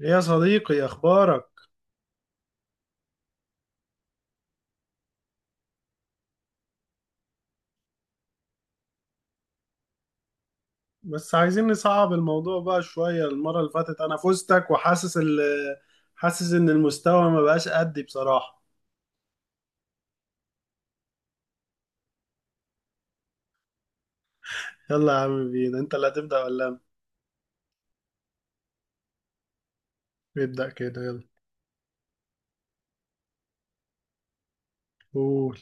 يا صديقي، اخبارك؟ بس عايزين نصعب الموضوع بقى شوية. المرة اللي فاتت انا فزتك، وحاسس ال حاسس ان المستوى ما بقاش قدي بصراحة. يلا يا عم بينا، انت اللي هتبدأ ولا انا؟ ابدأ كده، يلا. قول.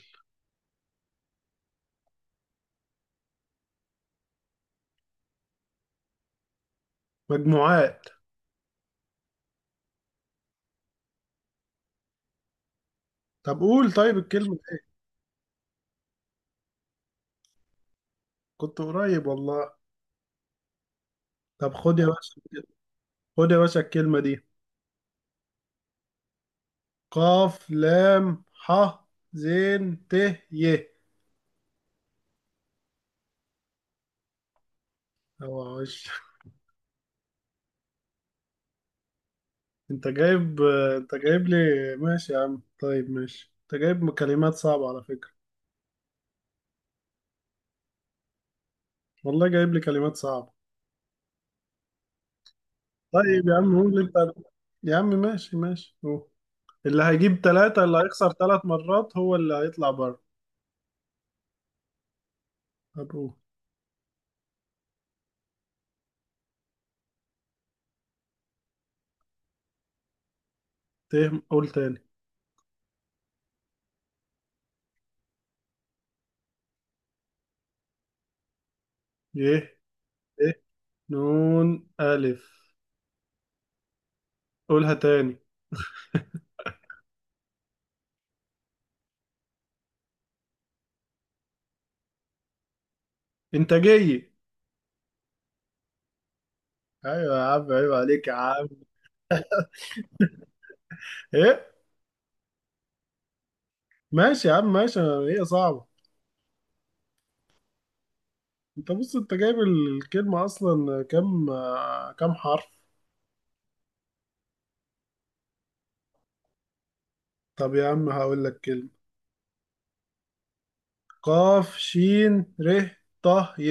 مجموعات. طب قول. طيب الكلمة دي. كنت قريب والله. طب خد يا باشا. خد يا باشا الكلمة دي. قاف، لام، ح، زين، ت، ي. اوعى! انت جايب انت جايب لي. ماشي يا عم، طيب ماشي. انت جايب كلمات صعبة على فكرة. والله جايب لي كلمات صعبة. طيب يا عم قول انت. يا عم ماشي ماشي، قول. اللي هيجيب 3، اللي هيخسر 3 مرات هو اللي هيطلع بره. طب قول. قول تاني. يه ته، نون، ألف. قولها تاني. انتاجية. ايوه يا عم، عيب عليك يا عم. ايه؟ ماشي يا عم، ماشي. هي صعبة. انت بص، انت جايب الكلمة اصلا كام؟ كام حرف؟ طب يا عم هقول لك كلمة. قاف، شين، ر، ط، ي.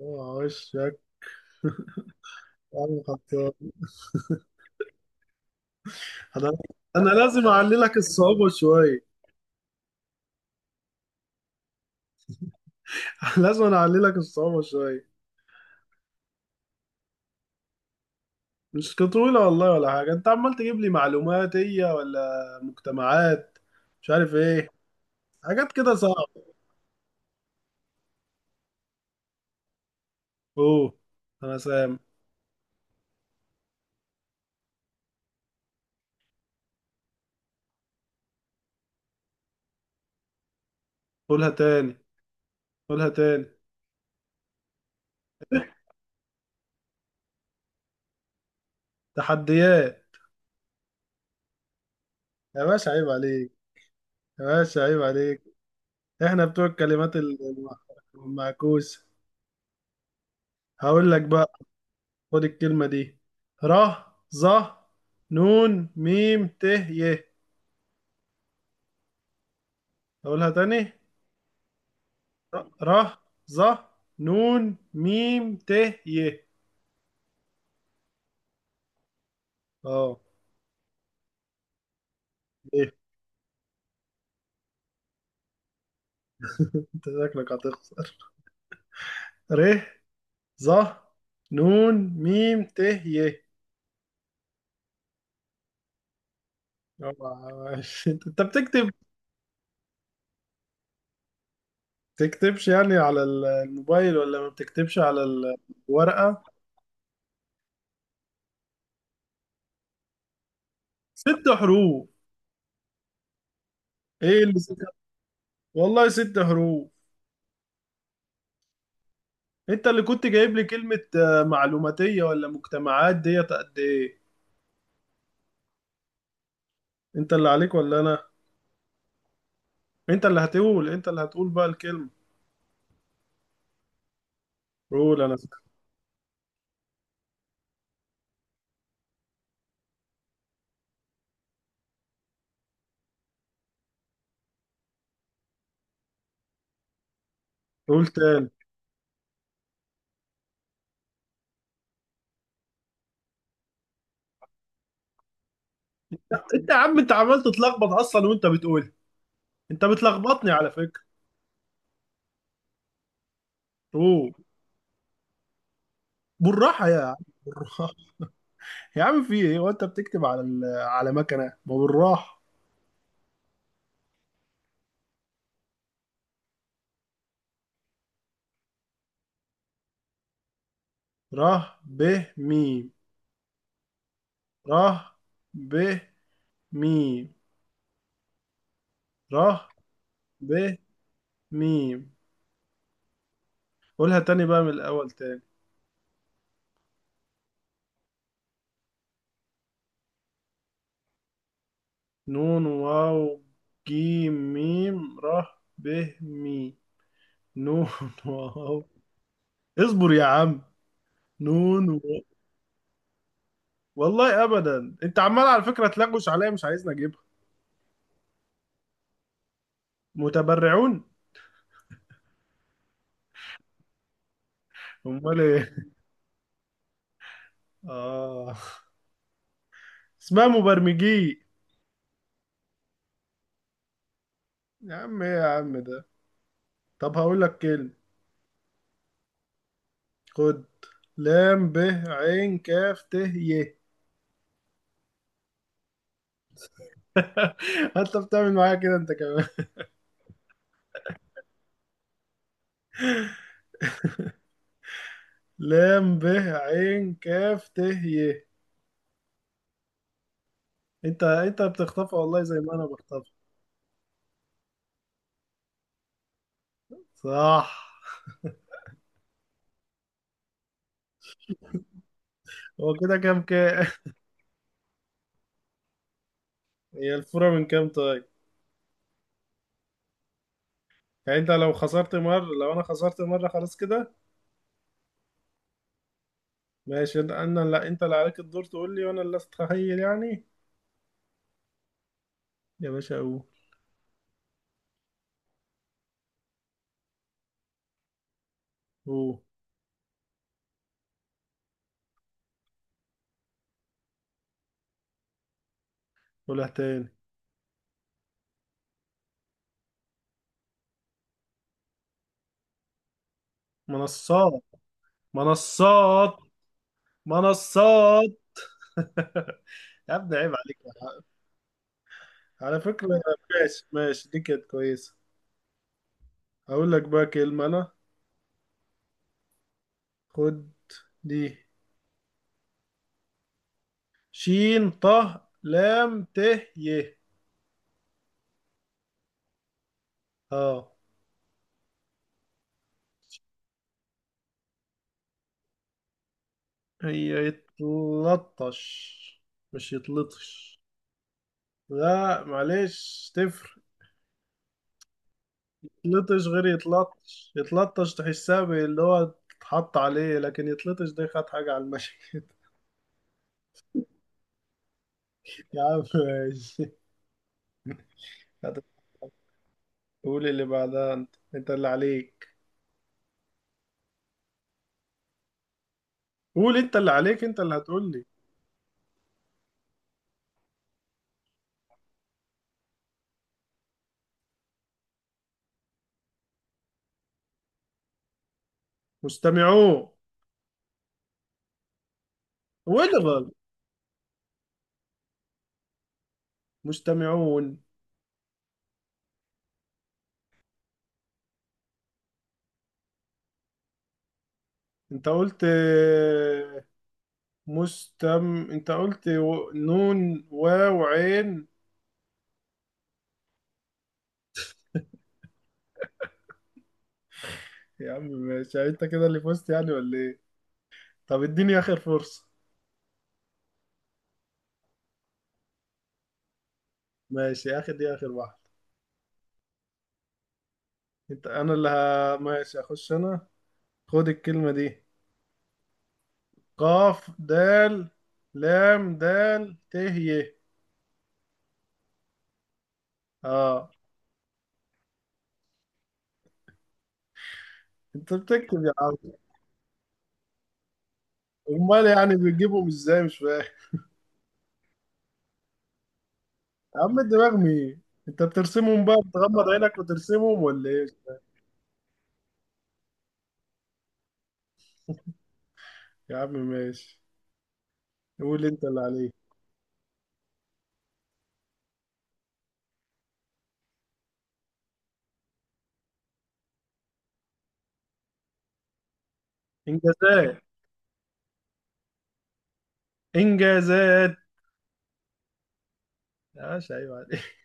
اوعى وشك! يا عم خلصان. انا انا لازم اعللك الصعوبة شوية. لازم أنا اعللك الصعوبة شوية. مش كطولة والله ولا حاجة. انت عمال تجيب لي معلومات هي، ولا مجتمعات، مش عارف ايه، حاجات كده صعبة. اوه. انا سام. قولها تاني. قولها تاني. تحديات. يا باشا عيب عليك! يا باشا عيب عليك! احنا بتوع الكلمات المعكوسة. هقول لك بقى. خد الكلمة دي. ر، ظ، نون، ميم، ت، ي. اقولها تاني. ر، ظ، نون، ميم، ت، ي. اه، ايه. انت شكلك هتخسر. ر، ظ، نون، ميم، ت، ي. آه، أنت بتكتب. تكتبش يعني على الموبايل، ولا ما بتكتبش على الورقة؟ ست حروف. ايه اللي ست؟ والله ست حروف. انت اللي كنت جايب لي كلمة معلوماتية، ولا مجتمعات، ديت قد ايه. انت اللي عليك ولا انا؟ انت اللي هتقول بقى الكلمة. قول انا فاكر. قول تاني. انت يا عم، انت عمال تتلخبط اصلا وانت بتقول. انت بتلخبطني على فكرة. قول. بالراحة يا عم، بالراحة. يا عم في ايه، وانت بتكتب على على مكنة، ما بالراحة. ره، ب، ميم. ره، ب، ميم. ره، ب، ميم. قولها تاني بقى من الاول تاني. نون، واو، جيم، ميم، ره، ب، مي. نون، واو. اصبر يا عم. نون، واو. والله ابدا، انت عمال على فكره تلغوش عليا، مش عايزني اجيبها. متبرعون. امال ايه؟ اه. اسمها مبرمجي. يا عم ايه يا عم ده؟ طب هقول لك كلمه. خد. لام، ب، عين، كاف، ت، ي. انت بتعمل معايا كده انت كمان. لام، ب، عين، كاف، ت، ي. انت بتخطفها والله زي ما انا بخطفها. صح. هو كده كام كام؟ هي الفورة من كام طيب؟ يعني انت لو خسرت مرة، لو انا خسرت مرة، خلاص كده. ماشي. لا، انت اللي عليك الدور تقول لي، وانا اللي استخيل يعني. يا باشا قول. قول. قولها تاني. منصات. منصات. منصات. يا ابني عيب عليك يا حق. على فكرة. ماشي ماشي، دي كانت كويسة. هقول لك بقى كلمة انا. خد دي. شين، ط، لام، ت، ي. اه. هي يتلطش، مش يتلطش. لا معلش، تفرق. يتلطش غير يتلطش. يتلطش تحسها اللي هو تتحط عليه، لكن يتلطش ده خد حاجة على المشي. يا عم ماشي. قول اللي بعدها، انت اللي عليك. قول انت اللي عليك. انت اللي هتقول لي. مستمعون. وين غلط؟ مستمعون. انت قلت. انت قلت نون، واو، عين. يا عم ماشي، يعني انت كده اللي فزت يعني، ولا ايه؟ طب اديني اخر فرصة. ماشي، اخر دي اخر واحدة. انا اللي ماشي، اخش انا. خد الكلمة دي. قاف، دال، لام، دال، ت، ي. اه. انت بتكتب يا عم. امال يعني بتجيبهم ازاي؟ مش فاهم. يا عم الدماغ مين؟ انت بترسمهم بقى، بتغمض عينك وترسمهم، ولا ايه؟ يا عم ماشي. قول انت اللي عليك. انجازات. انجازات. ماشي، ايوه عليك.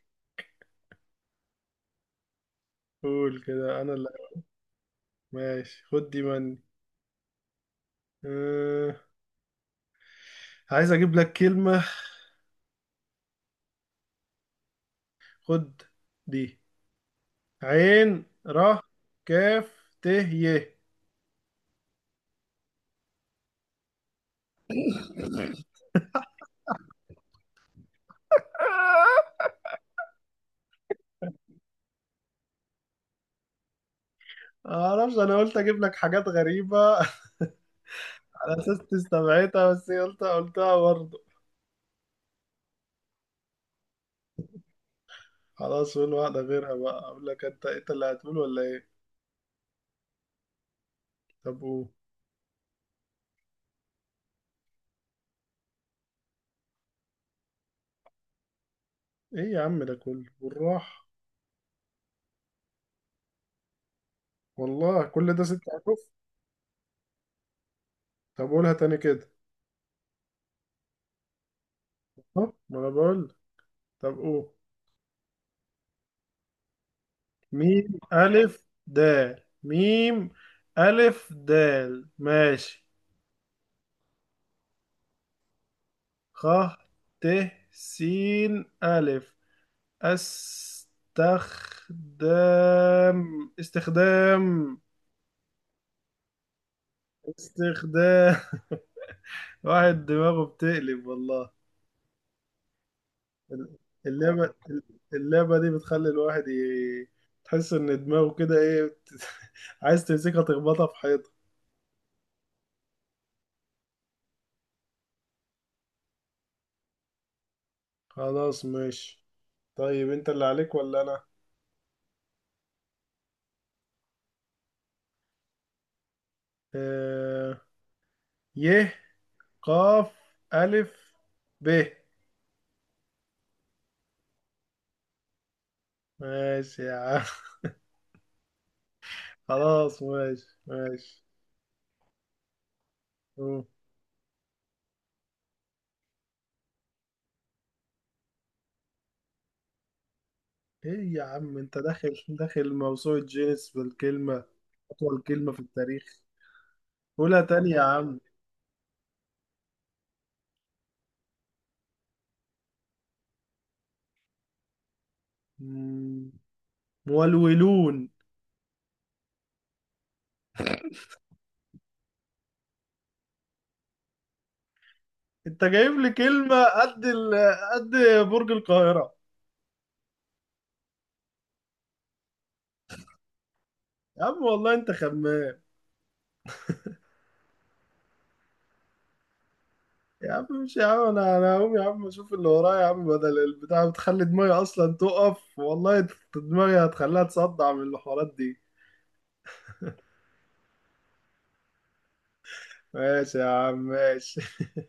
قول كده انا اللي. ماشي، خد دي مني. أه... عايز اجيب لك كلمة. خد دي. عين، ر، كاف، ت، ي. آه، معرفش، انا قلت اجيب لك حاجات غريبة. على اساس تستبعدها، بس هي قلتها برضه. خلاص قول واحدة غيرها بقى. اقول لك انت اللي هتقول ولا ايه؟ طب قول. ايه يا عم ده كله بالراحة. والله كل ده ست حروف. طب قولها تاني كده. أهو، ما انا بقول. طب قول. ميم، ألف، دال. ميم، ألف، دال، ماشي. خ، ت، س، ألف. استخدام. استخدام. استخدام. واحد دماغه بتقلب والله. اللعبة اللعبة دي بتخلي الواحد تحس إن دماغه كده إيه عايز تمسكها تخبطها في حيطة. خلاص ماشي. طيب أنت اللي عليك ولا أنا؟ آه... ي، قاف، ألف، ب. ماشي يا عم. خلاص ماشي ماشي. أوه. ايه يا عم، انت داخل داخل موسوعة جينيس بالكلمة. أطول كلمة في التاريخ. قولها تاني يا عم. مم، مولولون. انت جايب لي كلمة قد قد برج القاهرة. يا عم والله انت خمام. يا عم، مش يا عم، انا هقوم يا عم، اشوف اللي ورايا يا عم، بدل البتاع بتخلي دماغي اصلا تقف والله. دماغي هتخليها تصدع من الحوارات دي. ماشي يا عم ماشي.